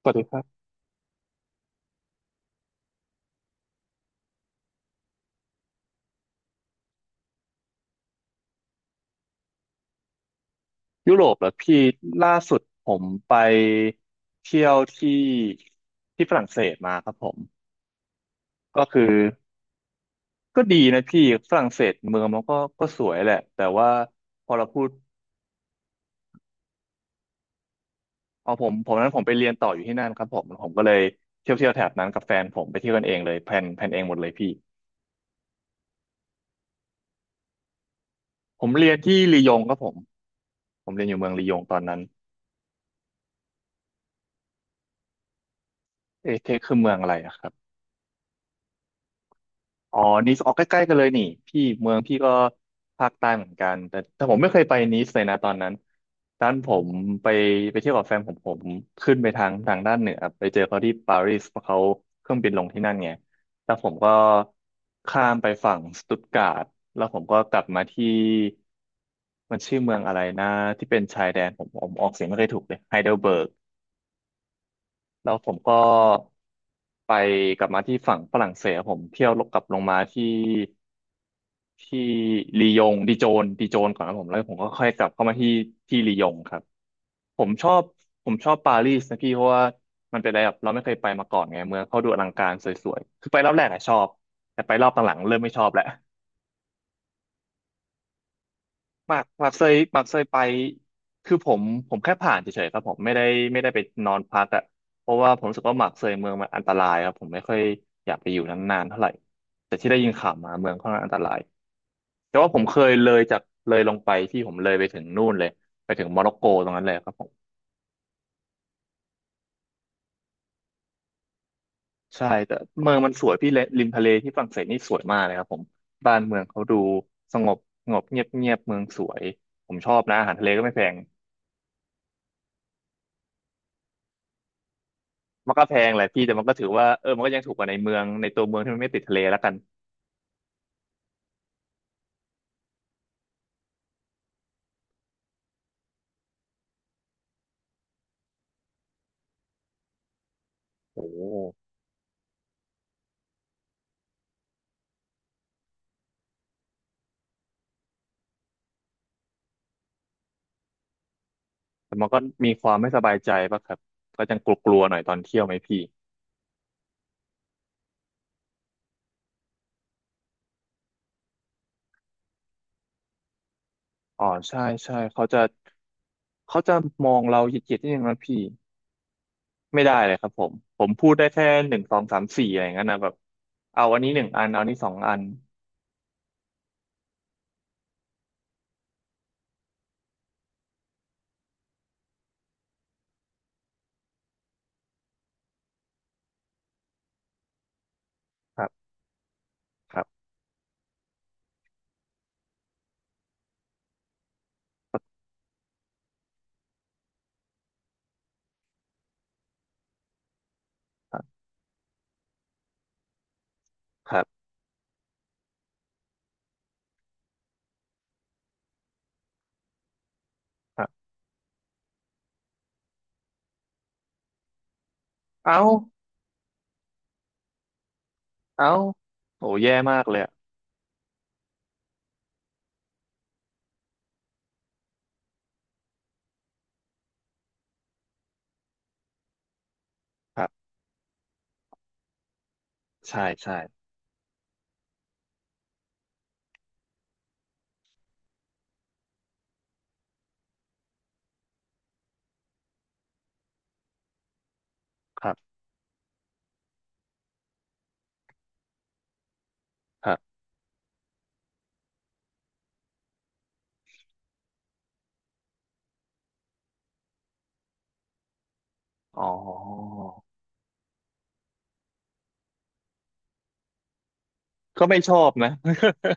สวัสดีครับยุโรปเหรอพี่ล่าสุดผมไปเที่ยวที่ฝรั่งเศสมาครับผมก็คือก็ดีนะพี่ฝรั่งเศสเมืองมันก็สวยแหละแต่ว่าพอเราพูดเอาผมผมนั้นผมไปเรียนต่ออยู่ที่นั่นครับผมก็เลยเที่ยวแถบนั้นกับแฟนผมไปเที่ยวกันเองเลยแพลนเองหมดเลยพี่ผมเรียนที่ลียงครับผมผมเรียนอยู่เมืองลียงตอนนั้นเอเทคคือเมืองอะไรอะครับ อ๋อนีสออกใกล้ๆกันเลยนี่พี่เมืองพี่ก็ภาคใต้เหมือนกันแต่ผมไม่เคยไปนีสเลยนะตอนนั้นด้านผมไปไปเที่ยวกับแฟนผมผมไปทางด้านเหนือไปเจอเขาที่ปารีสเพราะเขาเครื่องบินลงที่นั่นไงแล้วผมก็ข้ามไปฝั่งสตุตการ์ดแล้วผมก็กลับมาที่มันชื่อเมืองอะไรนะที่เป็นชายแดนผมผมออกเสียงไม่ค่อยถูกเลยไฮเดลเบิร์ก แล้วผมก็ไปกลับมาที่ฝั่งฝรั่งเศสผมเที่ยวลกกลับลงมาที่ที่ลียงดิโจนก่อนนะผมแล้วผมก็ค่อยกลับเข้ามาที่ที่ลียงครับผมชอบผมชอบปารีสนะพี่เพราะว่ามันเป็นอะไรแบบเราไม่เคยไปมาก่อนไงเมืองเขาดูอลังการสวยๆคือไปรอบแรกอะชอบแต่ไปรอบหลังๆเริ่มไม่ชอบแล้ว หมากหมากเคยหมากเคยไปคือผมผมผ่านเฉยๆครับผมไม่ได้ไม่ได้ไปนอนพักอ่ะเพราะว่าผมรู้สึกว่าหมากเคยเมืองมันอันตรายครับผมไม่ค่อยอยากไปอยู่นานๆเท่าไหร่แต่ที่ได้ยินข่าวมาเมืองค่อนข้างอันตรายแต่ว่าผมเคยเลยจากเลยลงไปที่ผมเลยไปถึงนู่นเลยไปถึงโมร็อกโกตรงนั้นเลยครับผมใช่แต่เมืองมันสวยพี่เลริมทะเลที่ฝรั่งเศสนี่สวยมากเลยครับผมบ้านเมืองเขาดูสงบสงบเงียบเงียบเมืองสวยผมชอบนะอาหารทะเลก็ไม่แพง มันก็แพงแหละพี่แต่มันก็ถือว่าเออมันก็ยังถูกกว่าในเมืองในตัวเมืองที่มันไม่ติดทะเลแล้วกันโอ้แต่มันก็มีความไม่สบายใจป่ะครับก็ยังกลัวๆหน่อยตอนเที่ยวไหมพี่อ๋อใช่ใช่เขาจะมองเราเหยียดๆนิดนึงนะพี่ไม่ได้เลยครับผมผมพูดได้แค่หนึ่งสองสามสี่อะไรอย่างนั้นนะแบบเอาอันนี้หนึ่งอันเอาอันนี้สองอันครับครับครับครับครับเอาเอาโอ้แย่มากเลยอะครับใช่ใช่ครับครับอ๋อก็ไม่ชอบนะ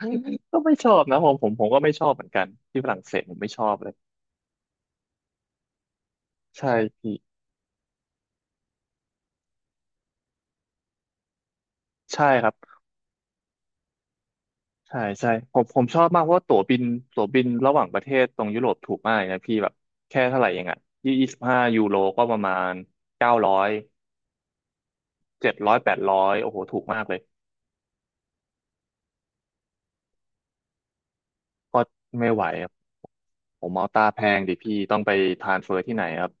ก็ไม่ชอบนะผมก็ไม่ชอบเหมือนกันที่ฝรั่งเศสผมไม่ชอบเลยใช่พี่ใช่ครับใช่ใช่ผมชอบมากเพราะว่าตั๋วบินระหว่างประเทศตรงยุโรปถูกมากเลยนะพี่แบบแค่เท่าไหร่เองอ่ะ25 ยูโรก็ประมาณ900700800โอ้โหถูกมากเลยก็ไม่ไหวครับผมเอาตาแพงดิพี่ต้องไปทรานสเฟอร์ที่ไหนครับ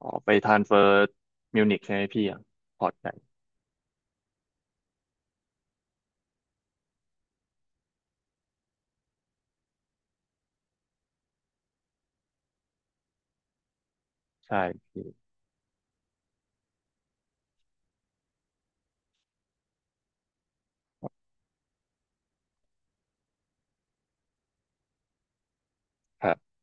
อ๋อไปทรานสเฟอร์มิวนิกใช่ไหมพี่อะพอร์ตใหญ่ใช่พี่ครับ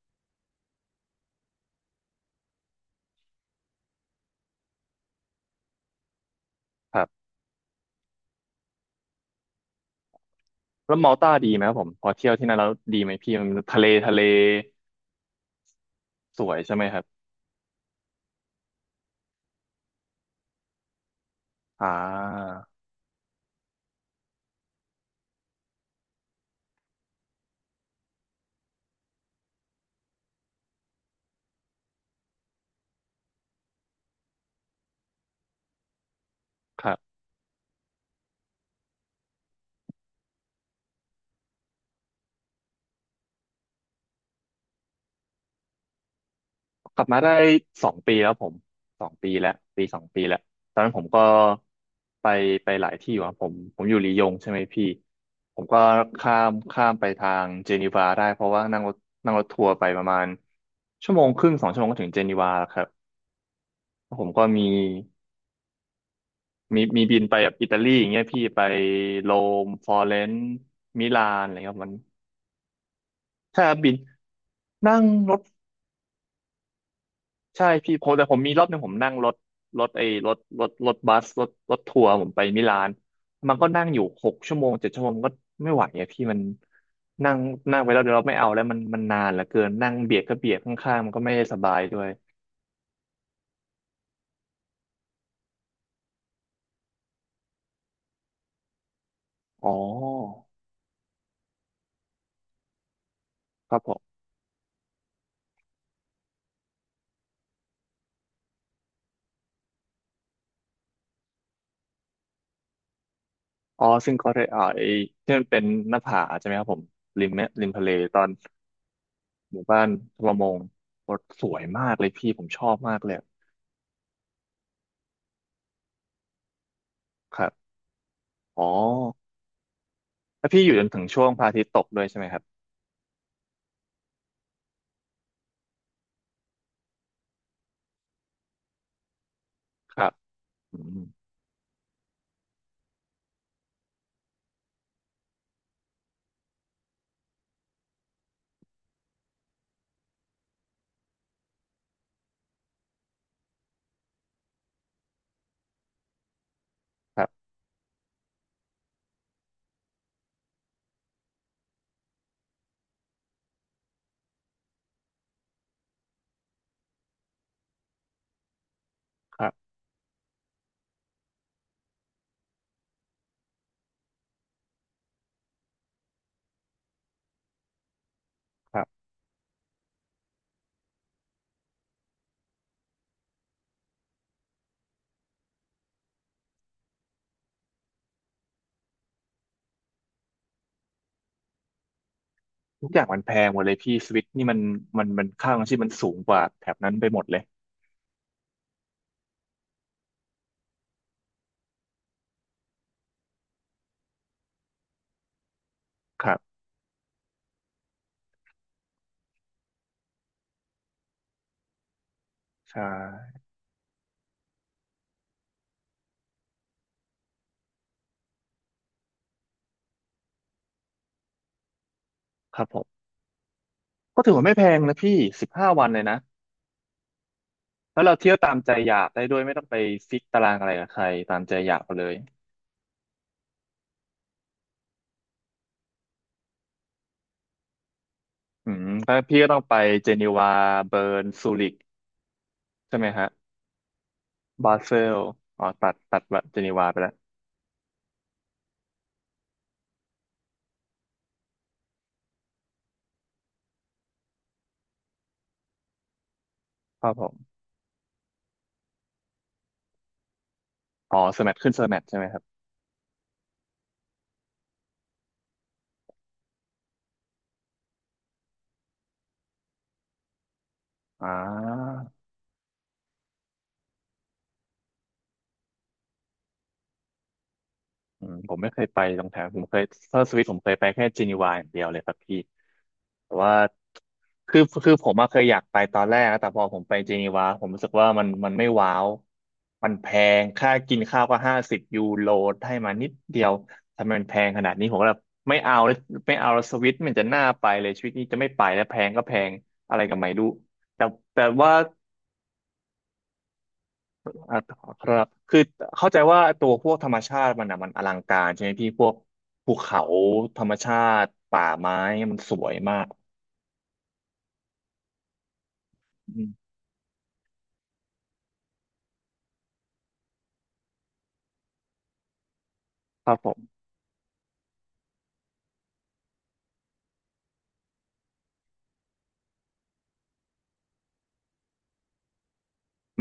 แล้วมาลตาดีไหมครับผมพอเที่ยวที่นั่นแล้วดีไหมพี่มันทะเลทะเลสวยใช่ไหมครับอ่าครับกลับมาได้สองปีแล้วผมสองปีแล้วปีสองปีแล้วตอนนั้นผมก็ไปไปหลายที่อยู่ครับผมผมอยู่ลียงใช่ไหมพี่ผมก็ข้ามไปทางเจนีวาได้เพราะว่านั่งรถทัวร์ไปประมาณชั่วโมงครึ่ง2 ชั่วโมงก็ถึงเจนีวาแล้วครับผมก็มีมีบินไปแบบอิตาลีอย่างเงี้ยพี่ไปโรมฟลอเรนซ์มิลานอะไรเงี้ยมัน สนามบินนั่งรถใช่พี่ผมแต่ผมมีรอบหนึ่งผมนั่งรถไอ้รถรถบัสรถทัวร์ผมไปมิลานมันก็นั่งอยู่6 ชั่วโมง7 ชั่วโมงก็ไม่ไหวอะพี่มันนั่งนั่งไปแล้วเดี๋ยวเราไม่เอาแล้วมันนานเหลือเกินนั่งเบียดก็เบียดข้างๆมันก็ไม่ได้สบายด้วยอ๋อครับผมอ๋อซึ่งก็ได้อ่าไอ้ที่มันเป็นหน้าผาใช่ไหมครับผมริมทะเลตอนหมู่บ้านประมงโอ้สวยมากเลยพี่ผมชอบมากเลยครับอ๋อ แล้วพี่อยู่จนถึงช่วงพระอาทิตย์ตกด้วยใช่ไหมครับครับอืมครับ ครับครับ ทุกอย่างมันแพงหมดเลยพี่สวิตนี่มันมันค่าของชีพมันสูงกว่าแถบนั้นไปหมดเลย ครับใช่ครับผม ก็ถือว่าไม่แพงนะพี่15วันเลยนะแล้วเราเที่ยวตามใจอยากได้ด้วยไม่ต้องไปฟิกตารางอะไรกับใครตามใจอยากไปเลยอืมแล้วพี่ก็ต้องไปเจนีวาเบิร์นซูริกใช่ไหมฮะบาเซลอ๋อตัดเจนีวาไปแล้วครับผมอ๋อสแมทขึ้นสแมทใช่ไหมครับอ่า อืมผมไม่เคยไปตรงแถวผมเคยเซอร์สวิตผมเคยไปแค่เจนีวาอย่างเดียวเลยครับพี่แต่ว่าคือคือผมอะเคยอยากไปตอนแรกนะแต่พอผมไปเจนีวาผมรู้สึกว่ามันไม่ว้าวมันแพงค่ากินข้าวก็50ยูโรให้มานิดเดียวทำไมมันแพงขนาดนี้ผมก็แบบไม่เอาเลยไม่เอาแล้วสวิตมันจะน่าไปเลยชีวิตนี้จะไม่ไปแล้วแพงก็แพงอะไรกบไม่รู้แต่แต่ว่า อ่าครับคือเข้าใจว่าตัวพวกธรรมชาติมันอ่ะมันอลังการใช่ไหมพี่พวกภูเขาธรรมชาติป่าไม้มันสวยมากอืมครับผม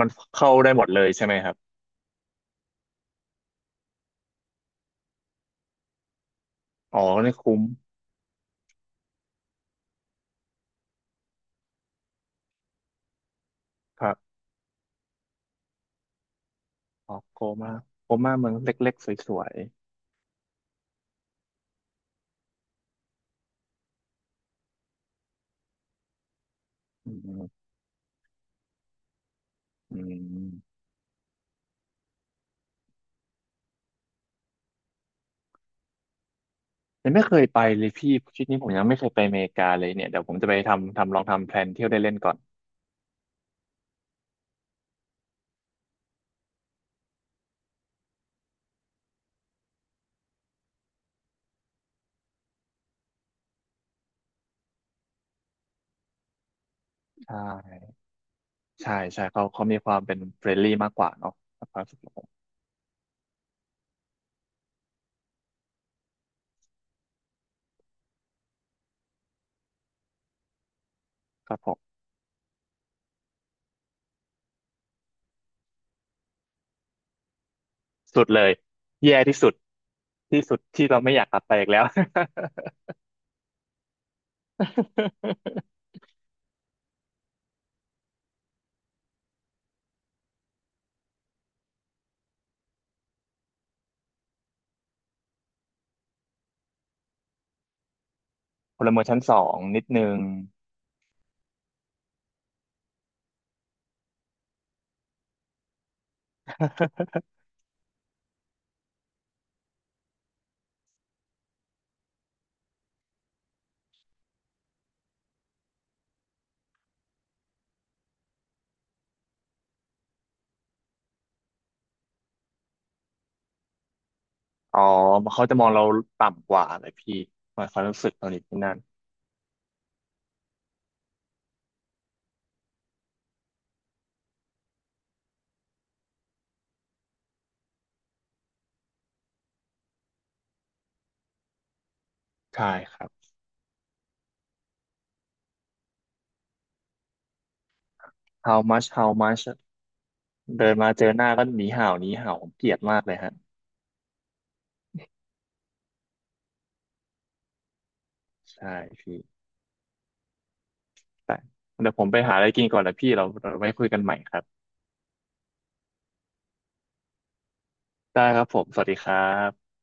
มันเข้าได้หมดเลยใช่ไหมครับอ๋อนี่คุ้มครับอ๋อโกมาโกมาเมืองเล็กๆสวยๆอืมอืมยังไม่เคยไปเลยพี่ชวิตนี้ผมยังไม่เคยไปอเมริกาเลยเนี่ยเดี๋ยวผมจะไปทำลองทำแพลนเที่ยวได้เล่นก่อนใช่ใช่เขามีความเป็นเฟรนลี่มากกว่าเนาะครับผมครับผม สุดเลยแย่ที่สุดที่สุดที่เราไม่อยากกลับไปอีกแล้ว พลเมืองชั้นสองนิดนึง อ๋อเขาจะมองเราต่ำกว่าเลยพี่หมายความรู้สึกตอนนี้ที่นั่นใช่ครับ how much how much เดินมาเจอหน้าก็หนีเห่าหนีเห่าผมเกลียดมากเลยฮะใช่พี่แต่เดี๋ยวผมไปหาอะไรกินก่อนนะพี่เราไว้คุยกันใหม่ครับได้ครับผมสวัสดีครับ